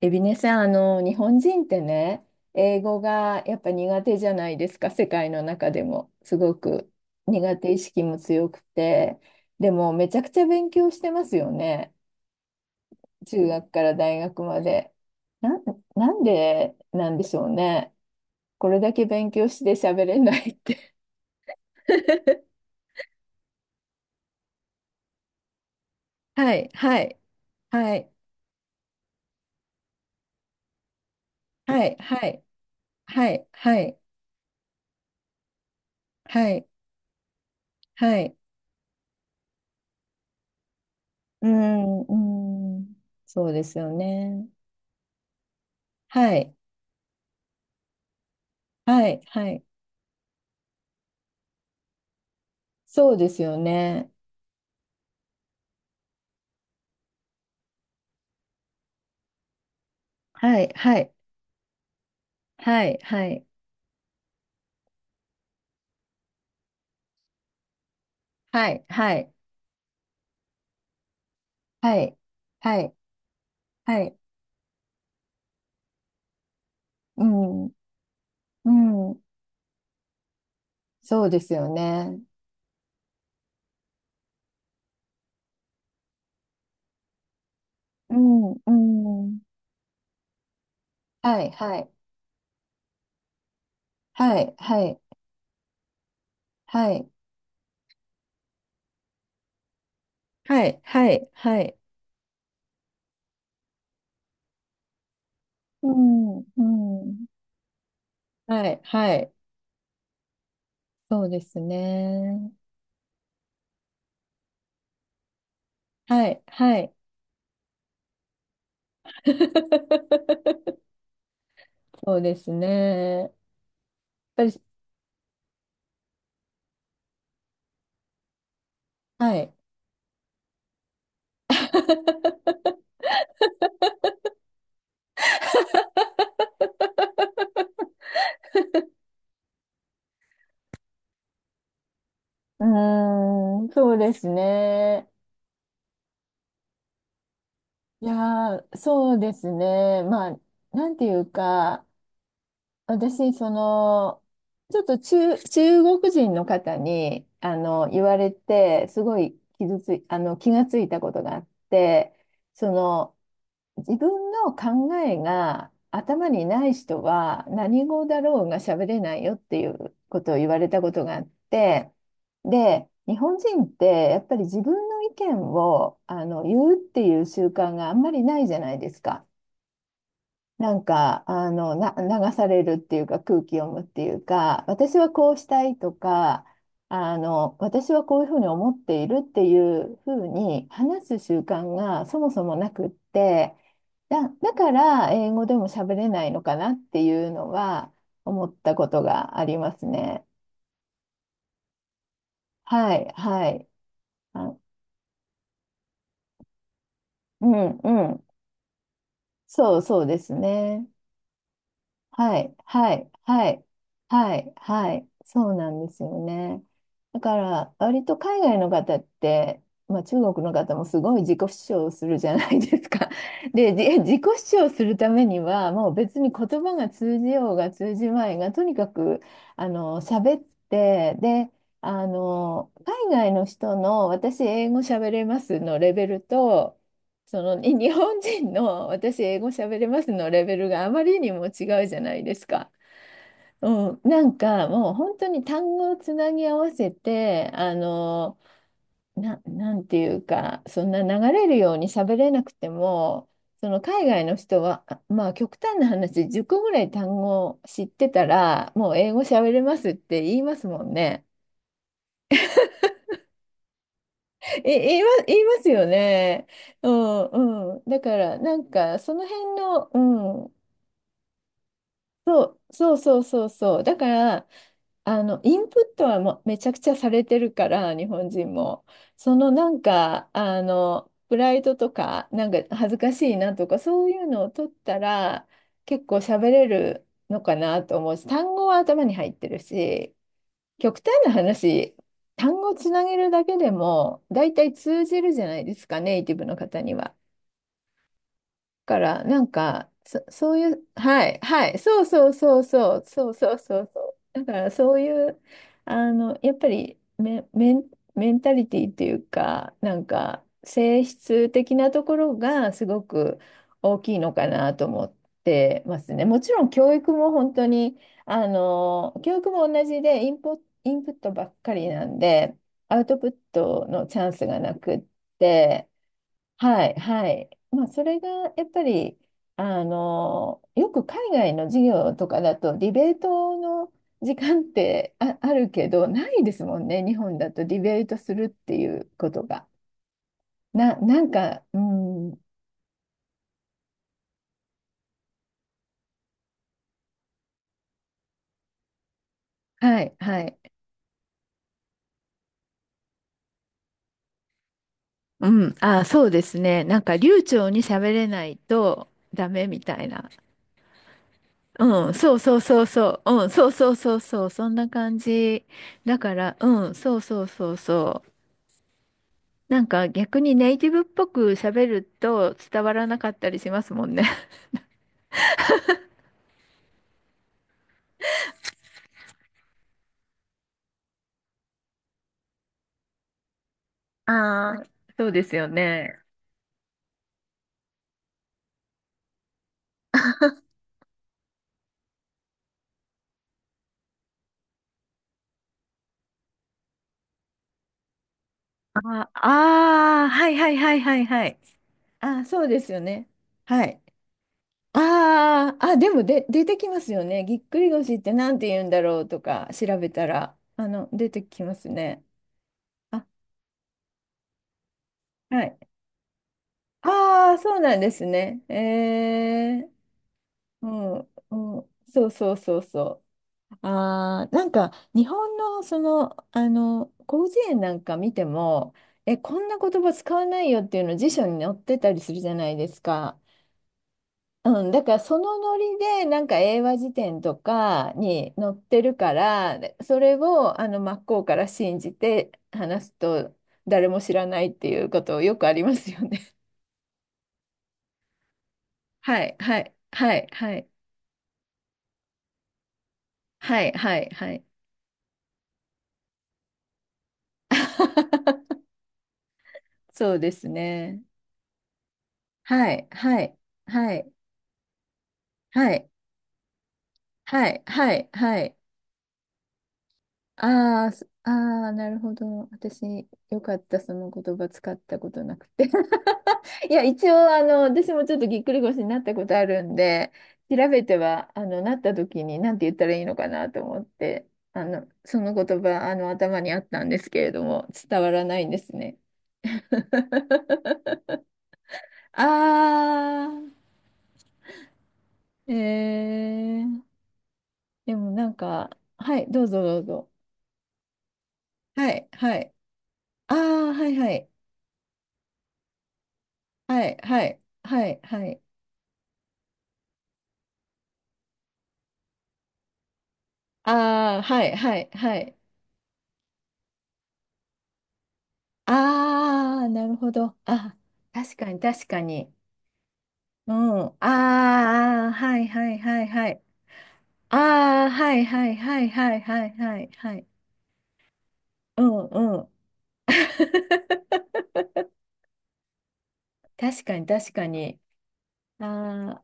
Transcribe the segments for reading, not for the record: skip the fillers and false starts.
エビネさん、日本人ってね、英語がやっぱ苦手じゃないですか、世界の中でも。すごく苦手意識も強くて。でも、めちゃくちゃ勉強してますよね。中学から大学まで。なん、なんでなんでしょうね。これだけ勉強して喋れないって。はい、はい、はい、はい、はい、はい、はい、はい、はい。うーん、うーん、そうですよね。はい。はい、はい。そうですよね。はい、はい、はい、はい、はい、はい、はい、はい、はい、うん、うん、そうですよね。うん、うん、はい、はい、はい、はい、はい、はい、はい、はい、うん、うん、はい、はい、そうですね。はい、はい。そうですね。やっぱり、はい。うーん、そうですね。いやー、そうですね。まあ、なんていうか、私、その、ちょっと中、中国人の方に、言われて、すごい傷つい、あの、気がついたことがあって、その、自分の考えが頭にない人は何語だろうが喋れないよっていうことを言われたことがあって、で、日本人ってやっぱり自分の意見を、言うっていう習慣があんまりないじゃないですか。なんか、流されるっていうか、空気読むっていうか、私はこうしたいとか、私はこういうふうに思っているっていうふうに話す習慣がそもそもなくって、だから英語でも喋れないのかなっていうのは思ったことがありますね。はい、はい。あ、うん、うん。そうですね。はい、はい、はい、はい、はい、そうなんですよね。だから、割と海外の方って、まあ、中国の方もすごい自己主張をするじゃないですか。で、自己主張するためには、もう別に言葉が通じようが通じまいが、とにかく、喋って、で、あの、海外の人の私英語喋れますのレベルと、その、日本人の私英語喋れますのレベルがあまりにも違うじゃないですか。うん、なんかもう本当に単語をつなぎ合わせて、なんていうか、そんな流れるように喋れなくても、その海外の人は、まあ極端な話、10個ぐらい単語知ってたら、もう英語喋れますって言いますもんね。え、言いま、言いますよね。うんうん、だからなんかその辺の、そう、そうそうそうそう。だから、インプットはもうめちゃくちゃされてるから、日本人も。そのなんか、プライドとか、なんか恥ずかしいなとか、そういうのを取ったら、結構喋れるのかなと思うし、単語は頭に入ってるし、極端な話、単語つなげるだけでも、大体通じるじゃないですか、ネイティブの方には。から、なんか、そういう、はい、はい、そうそうそうそう、そうそうそうそう。だから、そういう、やっぱりメンタリティっていうか、なんか、性質的なところがすごく大きいのかなと思ってますね。もちろん、教育も本当に、教育も同じで、インプットばっかりなんで、アウトプットのチャンスがなくって、はい、はい。まあ、それがやっぱり、よく海外の授業とかだと、ディベートの時間ってあるけど、ないですもんね、日本だとディベートするっていうことが。なんか、うん、はい、はい。うん、あ、そうですね。なんか流暢に喋れないとダメみたいな。うん、そうそうそうそう。うん、そうそうそうそう。そんな感じ。だから、うん、そうそうそうそう。なんか逆にネイティブっぽく喋ると伝わらなかったりしますもんね。あー、そうですよね。ああー、はいはいはいはいはい。あー、そうですよね。はい。あーあ、でも、出てきますよね。ぎっくり腰ってなんて言うんだろうとか調べたら、出てきますね。あ、はい。ああ、そうなんですね。えー、うん、うん、そうそうそうそう。あー、なんか日本のあの広辞苑なんか見てもこんな言葉使わないよっていうの辞書に載ってたりするじゃないですか。うん、だからそのノリでなんか英和辞典とかに載ってるからでそれを真っ向から信じて話すと誰も知らないっていうことよくありますよね。はいはいはいはいはいはいはい。そうですね。はいはいはい。はい、はい、はい、はい。あーすあー、なるほど。私、よかった、その言葉使ったことなくて。いや、一応、私もちょっとぎっくり腰になったことあるんで、調べては、なった時に何て言ったらいいのかなと思って、その言葉、頭にあったんですけれども、伝わらないんですね。あー、えー、でもなんか、はい、どうぞどうぞ。はい、はい。ああ、はいはい。はい、はい、はい、はい。ああ、はい、はい、はい。ああ、なるほど。あ、確かに、確かに。うん。ああ、あー、はい、はい、はい、はい。ああ、はい、はい、はい、はい、はい、はい。はい、うん、うん。確かに、確かに。あ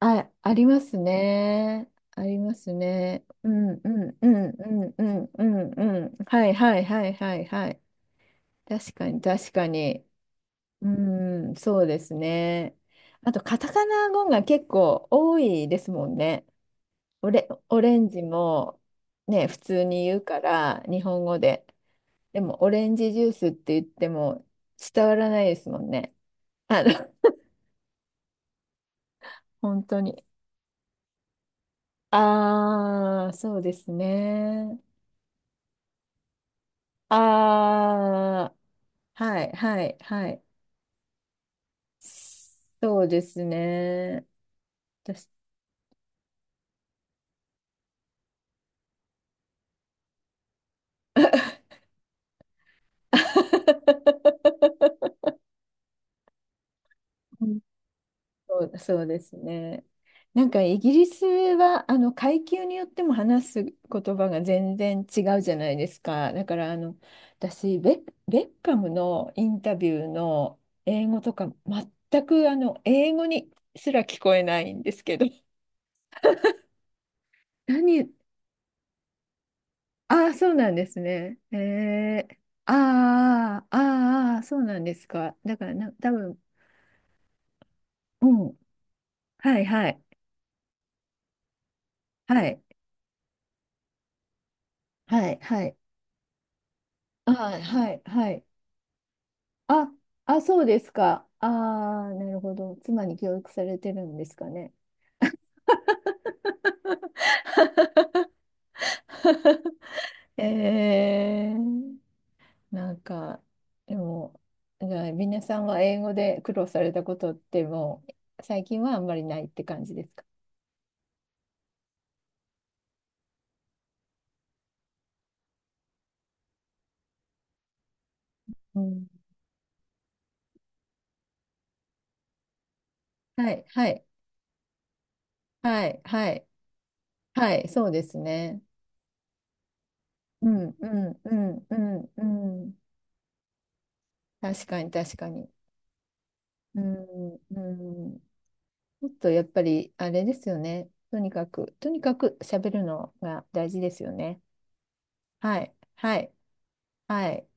あ、あ、ありますね。ありますね。うん、うん、うん、うん、うん、うん、うん。はい、はい、はい、はい、はい。確かに、確かに。うん、そうですね。あと、カタカナ語が結構多いですもんね。オレンジも、ね、普通に言うから、日本語で。でも、オレンジジュースって言っても伝わらないですもんね。あの、本当に。ああ、そうですね。ああ、はい、はい、はい。そうですね。私 うん、そうですね。なんかイギリスは階級によっても話す言葉が全然違うじゃないですか。だから私ベッカムのインタビューの英語とか全く英語にすら聞こえないんですけど。何ああ、そうなんですね。えー、ああ、ああ、そうなんですか。だからな、多分、うん、はいはい、はい、はい、はい、ああ、はい、はい。あ、あ、そうですか。ああ、なるほど。妻に教育されてるんですかね。えー、なんか、でも、じゃあ、皆さんは英語で苦労されたことってもう、最近はあんまりないって感じですか？うん。はい、はい、はい、はい、はい、そうですね。うん、うん、うん、うん、うん。確かに、確かに。うん、うん。ちょっとやっぱりあれですよね。とにかく、とにかく喋るのが大事ですよね。はい、はい、はい。